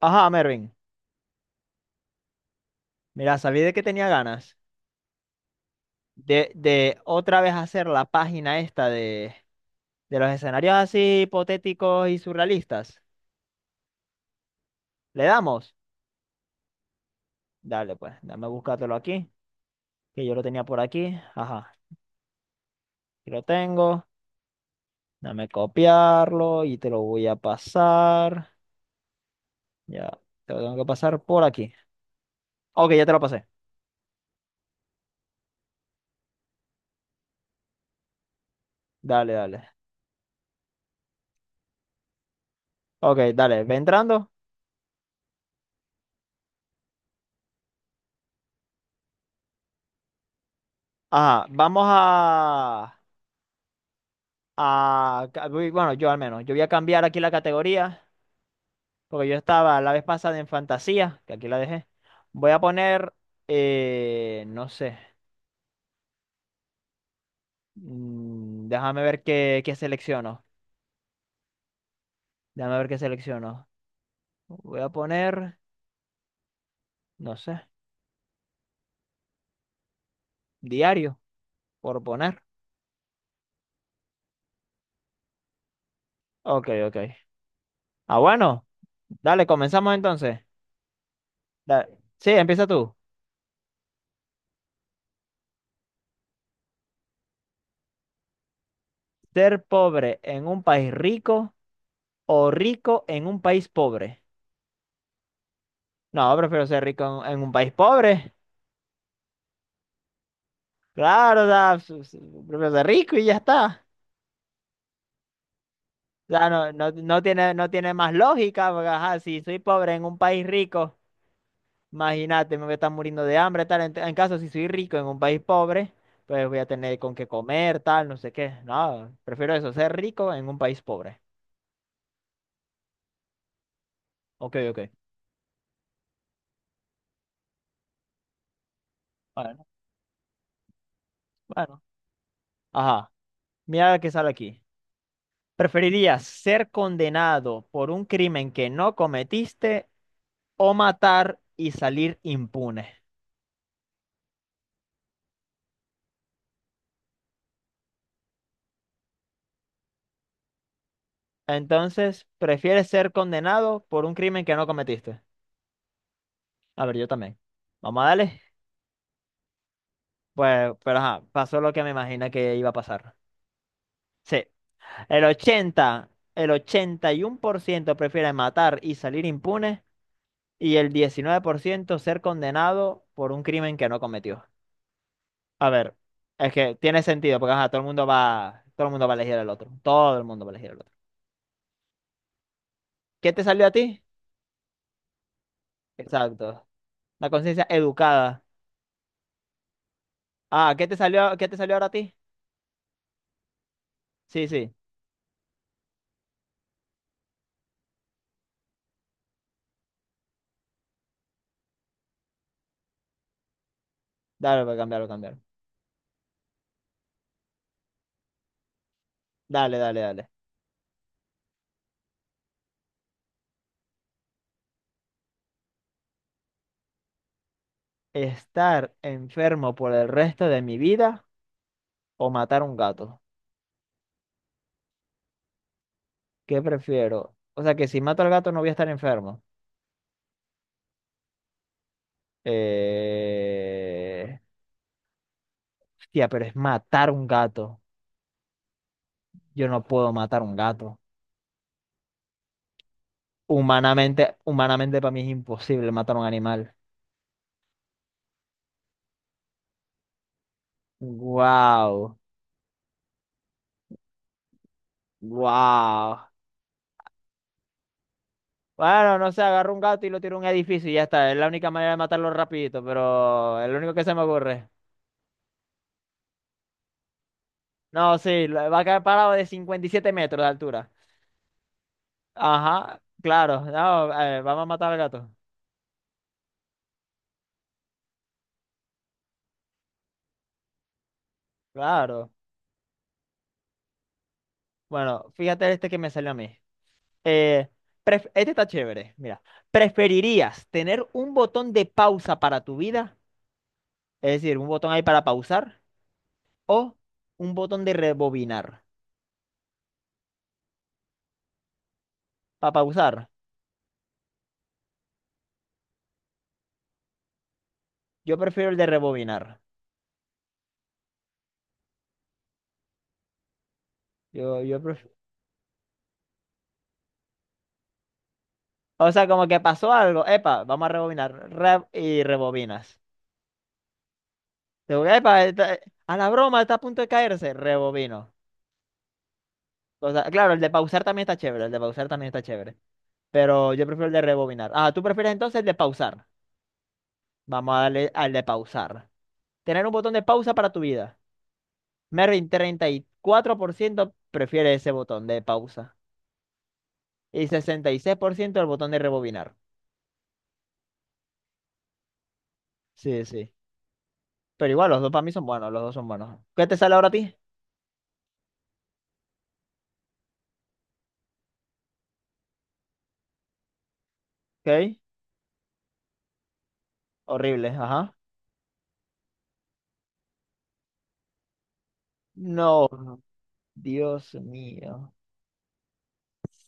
Ajá, Mervin. Mira, sabí de que tenía ganas de otra vez hacer la página esta de los escenarios así hipotéticos y surrealistas. ¿Le damos? Dale, pues, dame buscártelo aquí, que yo lo tenía por aquí. Ajá, aquí lo tengo. Dame copiarlo y te lo voy a pasar. Ya, te lo tengo que pasar por aquí. Ok, ya te lo pasé. Dale, dale. Ok, dale, ve entrando. Ajá, vamos a... Bueno, yo al menos. Yo voy a cambiar aquí la categoría, porque yo estaba la vez pasada en fantasía, que aquí la dejé. Voy a poner, no sé. Déjame ver qué selecciono. Déjame ver qué selecciono. Voy a poner, no sé, diario, por poner. Ok, ok. Ah, bueno, dale, comenzamos entonces. Da- sí, empieza tú. ¿Ser pobre en un país rico o rico en un país pobre? No, prefiero ser rico en un país pobre. Claro, prefiero ser rico y ya está. Sea, no tiene, no tiene más lógica, porque ajá, si soy pobre en un país rico, imagínate, me voy a estar muriendo de hambre, tal. En caso, si soy rico en un país pobre, pues voy a tener con qué comer, tal, no sé qué. No, prefiero eso, ser rico en un país pobre. Ok, ok. Bueno, bueno. Ajá, mira la que sale aquí. ¿Preferirías ser condenado por un crimen que no cometiste o matar y salir impune? Entonces, ¿prefieres ser condenado por un crimen que no cometiste? A ver, yo también. Vamos a darle. Pues, pero ajá, pasó lo que me imagina que iba a pasar. Sí. El 80, el 81% prefiere matar y salir impune y el 19% ser condenado por un crimen que no cometió. A ver, es que tiene sentido porque ajá, todo el mundo va, todo el mundo va a elegir al otro. Todo el mundo va a elegir al otro. ¿Qué te salió a ti? Exacto. La conciencia educada. Ah, qué te salió ahora a ti? Sí, sí. Dale, voy a cambiarlo, cambiarlo. Dale, dale, dale. ¿Estar enfermo por el resto de mi vida o matar un gato? ¿Qué prefiero? O sea, que si mato al gato no voy a estar enfermo. Eh... Hostia, pero es matar un gato. Yo no puedo matar un gato. Humanamente, humanamente para mí es imposible matar un animal. Wow, wow. Bueno, no sé, agarro un gato y lo tiro a un edificio y ya está. Es la única manera de matarlo rapidito, pero es lo único que se me ocurre. No, sí, va a caer parado de 57 metros de altura. Ajá, claro. No, vamos a matar al gato. Claro. Bueno, fíjate este que me salió a mí. Eh, este está chévere. Mira, ¿preferirías tener un botón de pausa para tu vida? Es decir, un botón ahí para pausar o un botón de rebobinar. Para pausar, yo prefiero el de rebobinar. Yo prefiero. O sea, como que pasó algo. Epa, vamos a rebobinar. Y rebobinas. Digo, a la broma está a punto de caerse. Rebobino. O sea, claro, el de pausar también está chévere, el de pausar también está chévere. Pero yo prefiero el de rebobinar. Ah, tú prefieres entonces el de pausar. Vamos a darle al de pausar. Tener un botón de pausa para tu vida. Mervin, 34% prefiere ese botón de pausa. Y 66% el botón de rebobinar. Sí, sí. Pero igual, los dos para mí son buenos, los dos son buenos. ¿Qué te sale ahora a ti? ¿Ok? Horrible, ajá. No, Dios mío.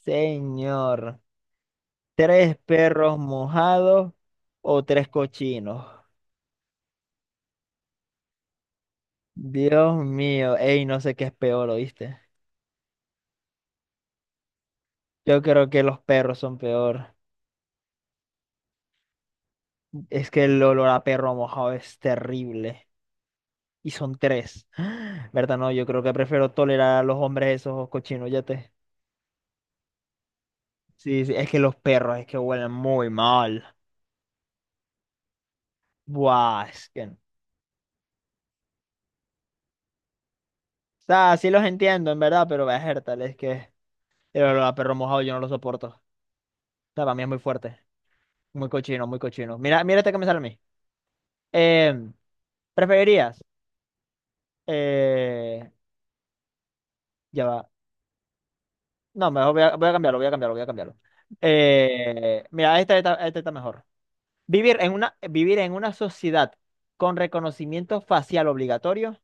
Señor. Tres perros mojados o tres cochinos. Dios mío, ey, no sé qué es peor, ¿oíste? Yo creo que los perros son peor. Es que el olor a perro mojado es terrible. Y son tres. ¿Verdad? No, yo creo que prefiero tolerar a los hombres esos cochinos, ya te. Sí, sí, es que los perros es que huelen muy mal. Buah, es que. O sea, sí los entiendo, en verdad, pero verga, tal, es que el olor a perro mojado yo no lo soporto. O sea, para mí es muy fuerte. Muy cochino, muy cochino. Mira, mira esta que me sale a mí. Em, ¿Preferirías? eh, ya va. No, mejor voy a cambiarlo, voy a cambiarlo, voy a cambiarlo. Mira, esta está mejor. Vivir en una sociedad con reconocimiento facial obligatorio. O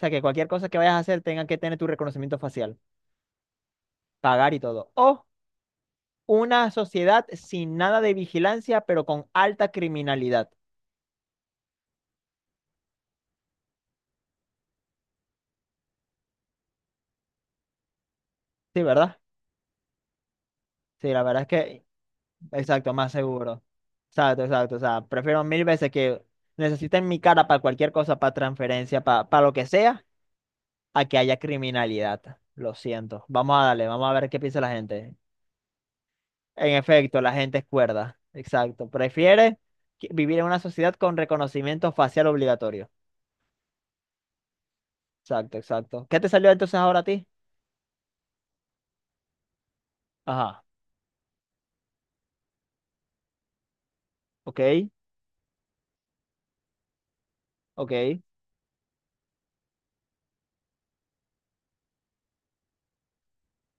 sea, que cualquier cosa que vayas a hacer tenga que tener tu reconocimiento facial, pagar y todo. O una sociedad sin nada de vigilancia, pero con alta criminalidad. Sí, ¿verdad? Sí, la verdad es que exacto, más seguro. Exacto, exacto. O sea, prefiero mil veces que necesiten mi cara para cualquier cosa, para transferencia, para lo que sea, a que haya criminalidad. Lo siento. Vamos a darle, vamos a ver qué piensa la gente. En efecto, la gente es cuerda. Exacto. Prefiere vivir en una sociedad con reconocimiento facial obligatorio. Exacto, exacto. ¿Qué te salió entonces ahora a ti? Ajá. Ok, ok.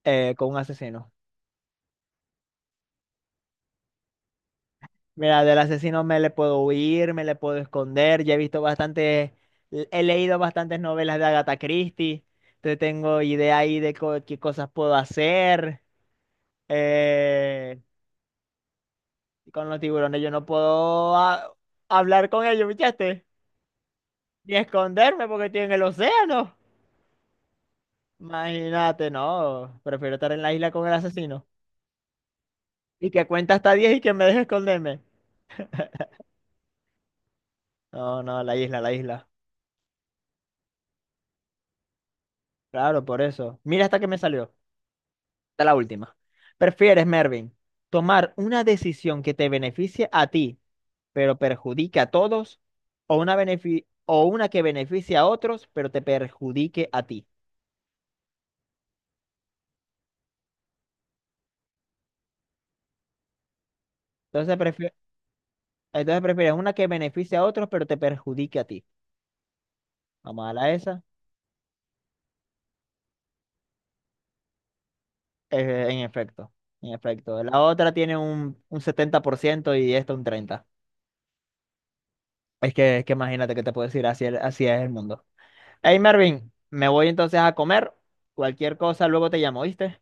Con un asesino. Mira, del asesino me le puedo huir, me le puedo esconder. Ya he visto bastante, he leído bastantes novelas de Agatha Christie. Entonces tengo idea ahí de qué cosas puedo hacer. Eh, con los tiburones yo no puedo hablar con ellos, ¿viste? Ni esconderme porque estoy en el océano. Imagínate, no. Prefiero estar en la isla con el asesino. Y que cuenta hasta 10 y que me deje esconderme. No, no, la isla, la isla. Claro, por eso. Mira hasta que me salió. Esta es la última. ¿Prefieres, Mervin, tomar una decisión que te beneficie a ti, pero perjudique a todos, o una, o una que beneficie a otros, pero te perjudique a ti? Entonces, entonces prefieres una que beneficie a otros, pero te perjudique a ti. Vamos a la esa. En efecto, en efecto. La otra tiene un 70% y esta un 30%. Es que imagínate que te puedo decir, así, el- así es el mundo. Hey, Mervin, me voy entonces a comer. Cualquier cosa, luego te llamo, ¿viste?